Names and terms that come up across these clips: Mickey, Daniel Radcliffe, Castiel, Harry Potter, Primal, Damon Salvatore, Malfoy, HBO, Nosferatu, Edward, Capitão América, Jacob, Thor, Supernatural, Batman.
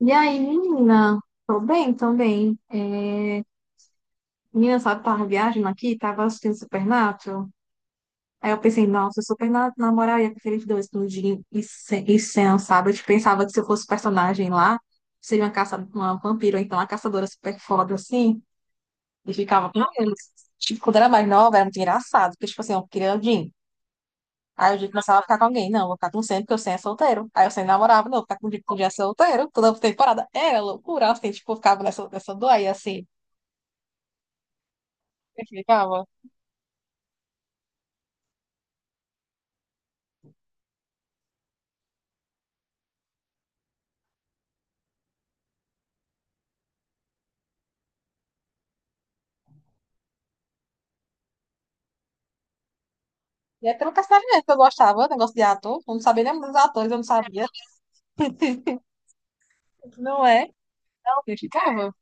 E aí, menina? Tô bem também. Menina, sabe, tava viagem aqui, tava assistindo Supernatural. Aí eu pensei, nossa, Supernatural, na com eu ia preferir dia e Sam, sabe? Eu tipo, pensava que se eu fosse personagem lá, seria uma caça, uma vampiro, ou então uma caçadora super foda, assim. E ficava, "Hum?" Tipo, quando era mais nova, era muito engraçado, porque, tipo assim, eu queria o... Aí o Jim começava a ficar com alguém. Não, vou ficar com o Sam, porque o Sam é solteiro. Aí o Sam namorava, não, vou ficar com o Jim, porque o Jim é solteiro. Toda temporada era loucura, assim, tipo, eu ficava nessa doia, assim. Eu ficava. E é pelo personagem que eu gostava, negócio de ator. Eu não sabia nem dos atores, eu não sabia. Não é? Eu ficava.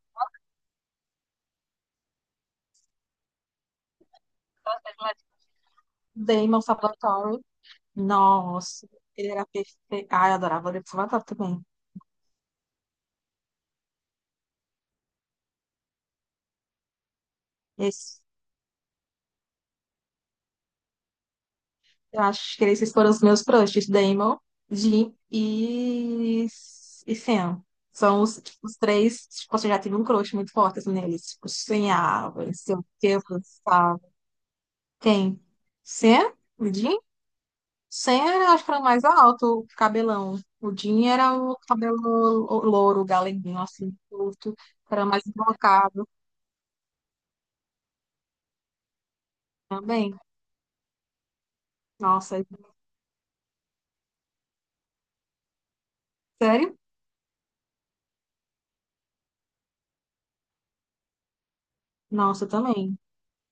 Damon Salvatore. Nossa, ele era perfeito. Ai, eu adorava o Damon Salvatore também. Esse, eu acho que esses foram os meus crushes. Damon, Jim e Sam. São os, tipo, os três. Tipo, assim, eu já tive um crush muito forte assim, neles. Tipo, sonhava, não sei o que, eu pensava. Quem? Sam? O Jim? Sam era, acho que era o mais alto, o cabelão. O Jim era o cabelo louro, galeguinho, assim, curto, que era mais embocado também. Nossa, sério? Nossa, também.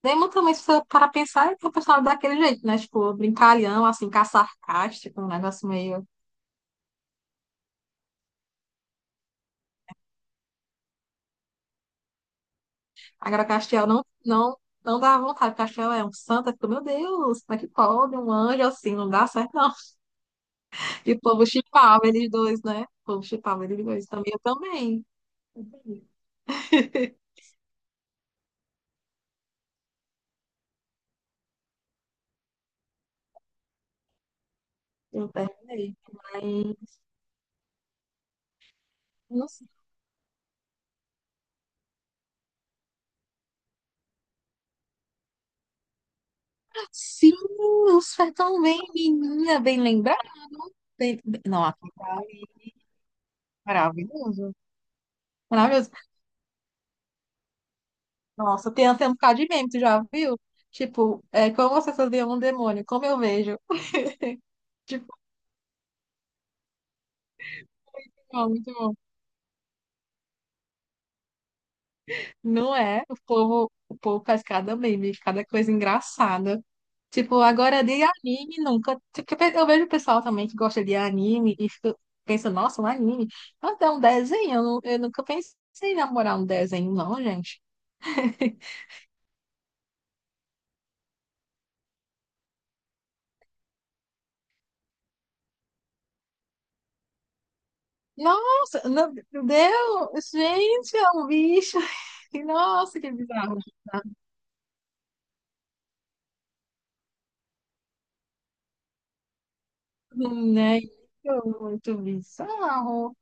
Damon também, se for para pensar, é um personagem daquele jeito, né? Tipo, brincalhão, assim, cá sarcástico, um negócio meio... Agora, Castiel não, não dá vontade. Castiel é um santo, eu fico, meu Deus, como é que pode? Um anjo assim, não dá certo, não. E o povo chipava eles dois, né? O povo chipava eles dois também. Eu perguntei, mas nossa, sim, os tão bem, menina, bem lembrada. Não, aqui tá maravilhoso, maravilhoso. Nossa, tem até um bocado de meme, tu já viu? Tipo, é, como você fazia um demônio, como eu vejo. Tipo, não, muito bom. Não é? O povo faz cada meme, cada coisa engraçada. Tipo, agora é de anime nunca. Tipo, eu vejo o pessoal também que gosta de anime e fica, pensa, nossa, um anime. Mas é um desenho, eu nunca pensei em namorar um desenho, não, gente. Nossa, não, meu Deus, gente, é um bicho. Nossa, que bizarro. Né? Muito muito bizarro.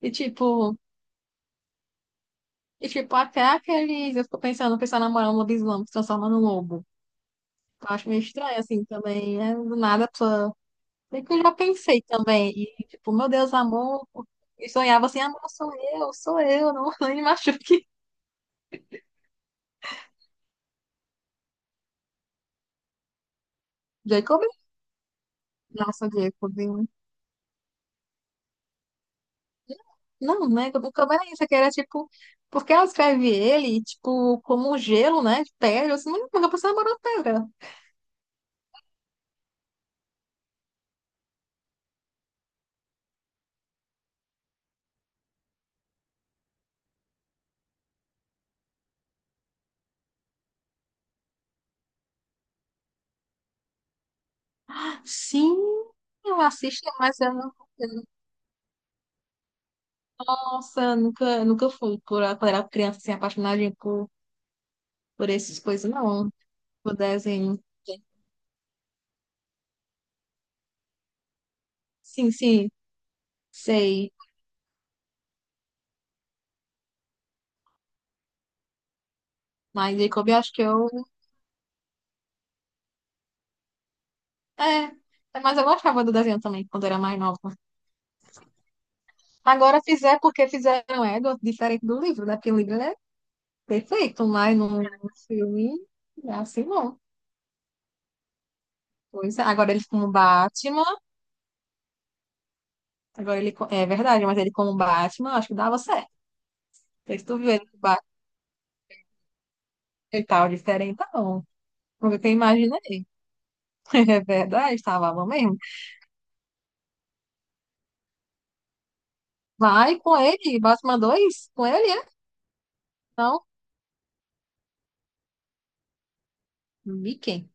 E tipo, e tipo, até aqueles... Eu fico pensando, o pessoal namorando um lobisomem, se transforma num lobo. Eu acho meio estranho, assim, também, né? Do nada a pessoa... Bem que eu já pensei também. E, tipo, meu Deus, amor. E sonhava assim, amor, sou eu, não, não me machuque. Jacob? Nossa, Jacob, hein? Não, né? O problema é isso, é que era tipo... Porque ela escreve ele, tipo, como um gelo, né? De pedra. Eu assim, mas a pessoa namorou pedra." Sim, eu assisto, mas eu não... Nossa, eu nunca fui por quando era criança, assim, apaixonadinha por essas coisas, não. Por desenho. Sim, sim. Sei, mas Jacob, eu acho que eu... É, é, mas eu gostava do desenho também, quando era mais nova. Agora fizer porque fizeram Edward diferente do livro, né? Porque o livro ele é perfeito, mas no filme é assim não. Pois é, agora ele como Batman, agora ele... É verdade, mas ele como Batman, eu acho que dava certo. Não sei se tu viu ele com Batman e tal, diferente, não. Foi que eu imaginei. É verdade, estava bom mesmo. Vai com ele, Batman 2, com ele, é? Não, Mickey.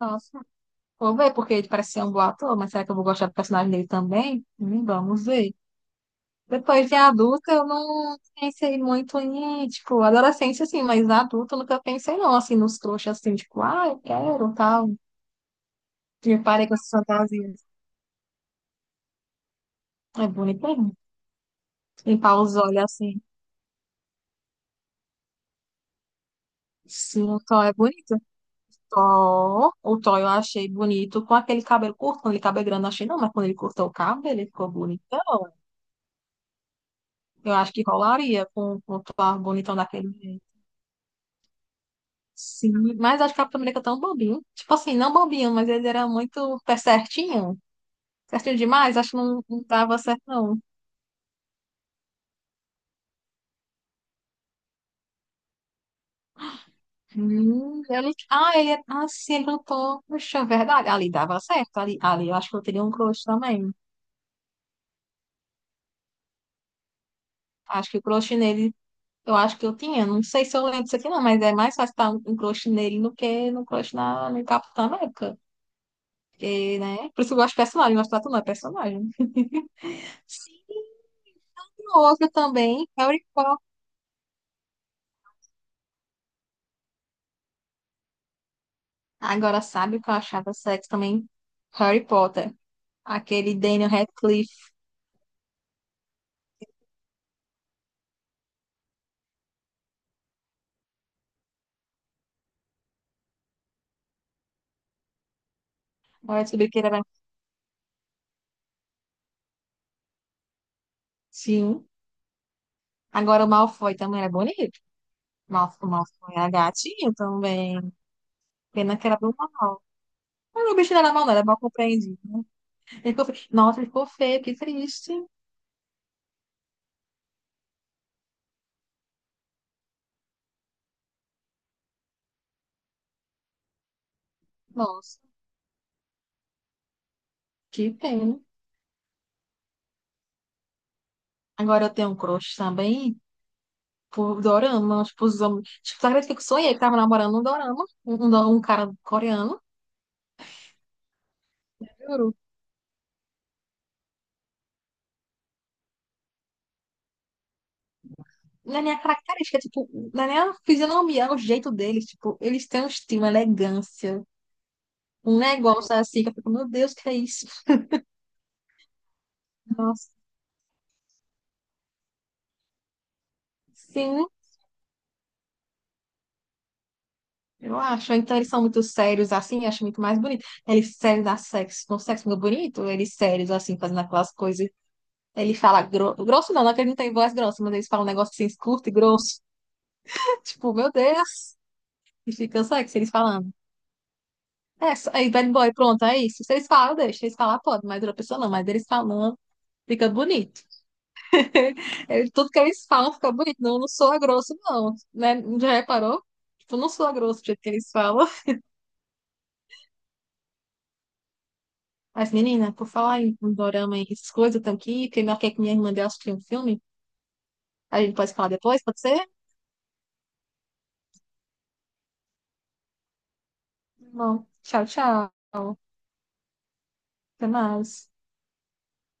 Nossa. Vou ver, porque ele parece ser um bom ator, mas será que eu vou gostar do personagem dele também? Vamos ver. Depois de adulta, eu não pensei muito em, tipo, adolescência, assim, mas adulta eu nunca pensei, não, assim, nos trouxas, assim, tipo, ah, eu quero, tal. Me parei com essas fantasias. É bonito, hein? Limpar os olhos, assim. Sim, o Thor é bonito. Thor, o Thor eu achei bonito com aquele cabelo curto, com aquele cabelo grande, eu não achei não, mas quando ele cortou o cabelo, ele ficou bonitão. Eu acho que rolaria com o Thor bonitão daquele jeito. Sim, mas acho que o Capitão América é tão bobinho. Tipo assim, não bobinho, mas ele era muito pé certinho. Certinho demais, acho que não, não dava certo, não. Eu não- ah, ele é... Ah, sim, ele lutou. Puxa, é verdade. Ali dava certo. Ali, ali eu acho que eu teria um crush também. Acho que o crush nele, eu acho que eu tinha. Não sei se eu lembro disso aqui, não, mas é mais fácil estar um crush nele do que no crush na, no Capitão América. Porque, né? Por isso que eu gosto de personagem, eu gosto de atuar não é personagem. Sim, outra também, Harry Potter. Agora, sabe o que eu achava sexy também? Harry Potter. Aquele Daniel Radcliffe. Agora eu descobri que ele era... Sim. Agora o Malfoy também era bonito. O Malfoy era gatinho também. Pena que era do mal. Mas o bicho não era mal, não. Era mal compreendido, né? Ele ficou... feio. Nossa, ele ficou feio. Que triste. Nossa, que pena. Agora eu tenho um crush também por dorama. Tipo, os homens... Tipo, sabe que eu sonhei que tava namorando um dorama? Um cara coreano. Juro. Na minha característica, tipo, na minha fisionomia, o jeito deles, tipo, eles têm um estilo, uma elegância, um negócio assim, que eu fico, meu Deus, que é isso? Nossa, sim, eu acho. Então eles são muito sérios assim, eu acho muito mais bonito. Eles sérios da sexo, com sexo muito bonito, eles sérios assim, fazendo aquelas coisas. Grosso, não, não é que ele não tem voz grossa, mas eles falam um negócio assim, curto e grosso. Tipo, meu Deus, e fica sexy eles falando. É, só- aí, bad boy, pronto, é isso. Se eles falam, deixa. Se eles falar, pode, mas outra pessoa não, mas eles falando, fica bonito. É, tudo que eles falam fica bonito. Não, eu não sou a grosso, não. Né? Já reparou? Tipo, eu não sou a grosso do jeito que eles falam. Mas, menina, por falar em dorama e essas coisas, eu tenho que ir, porque marquei com minha irmã de assistir um filme. A gente pode falar depois, pode ser? Bom, tchau, tchau. Até mais.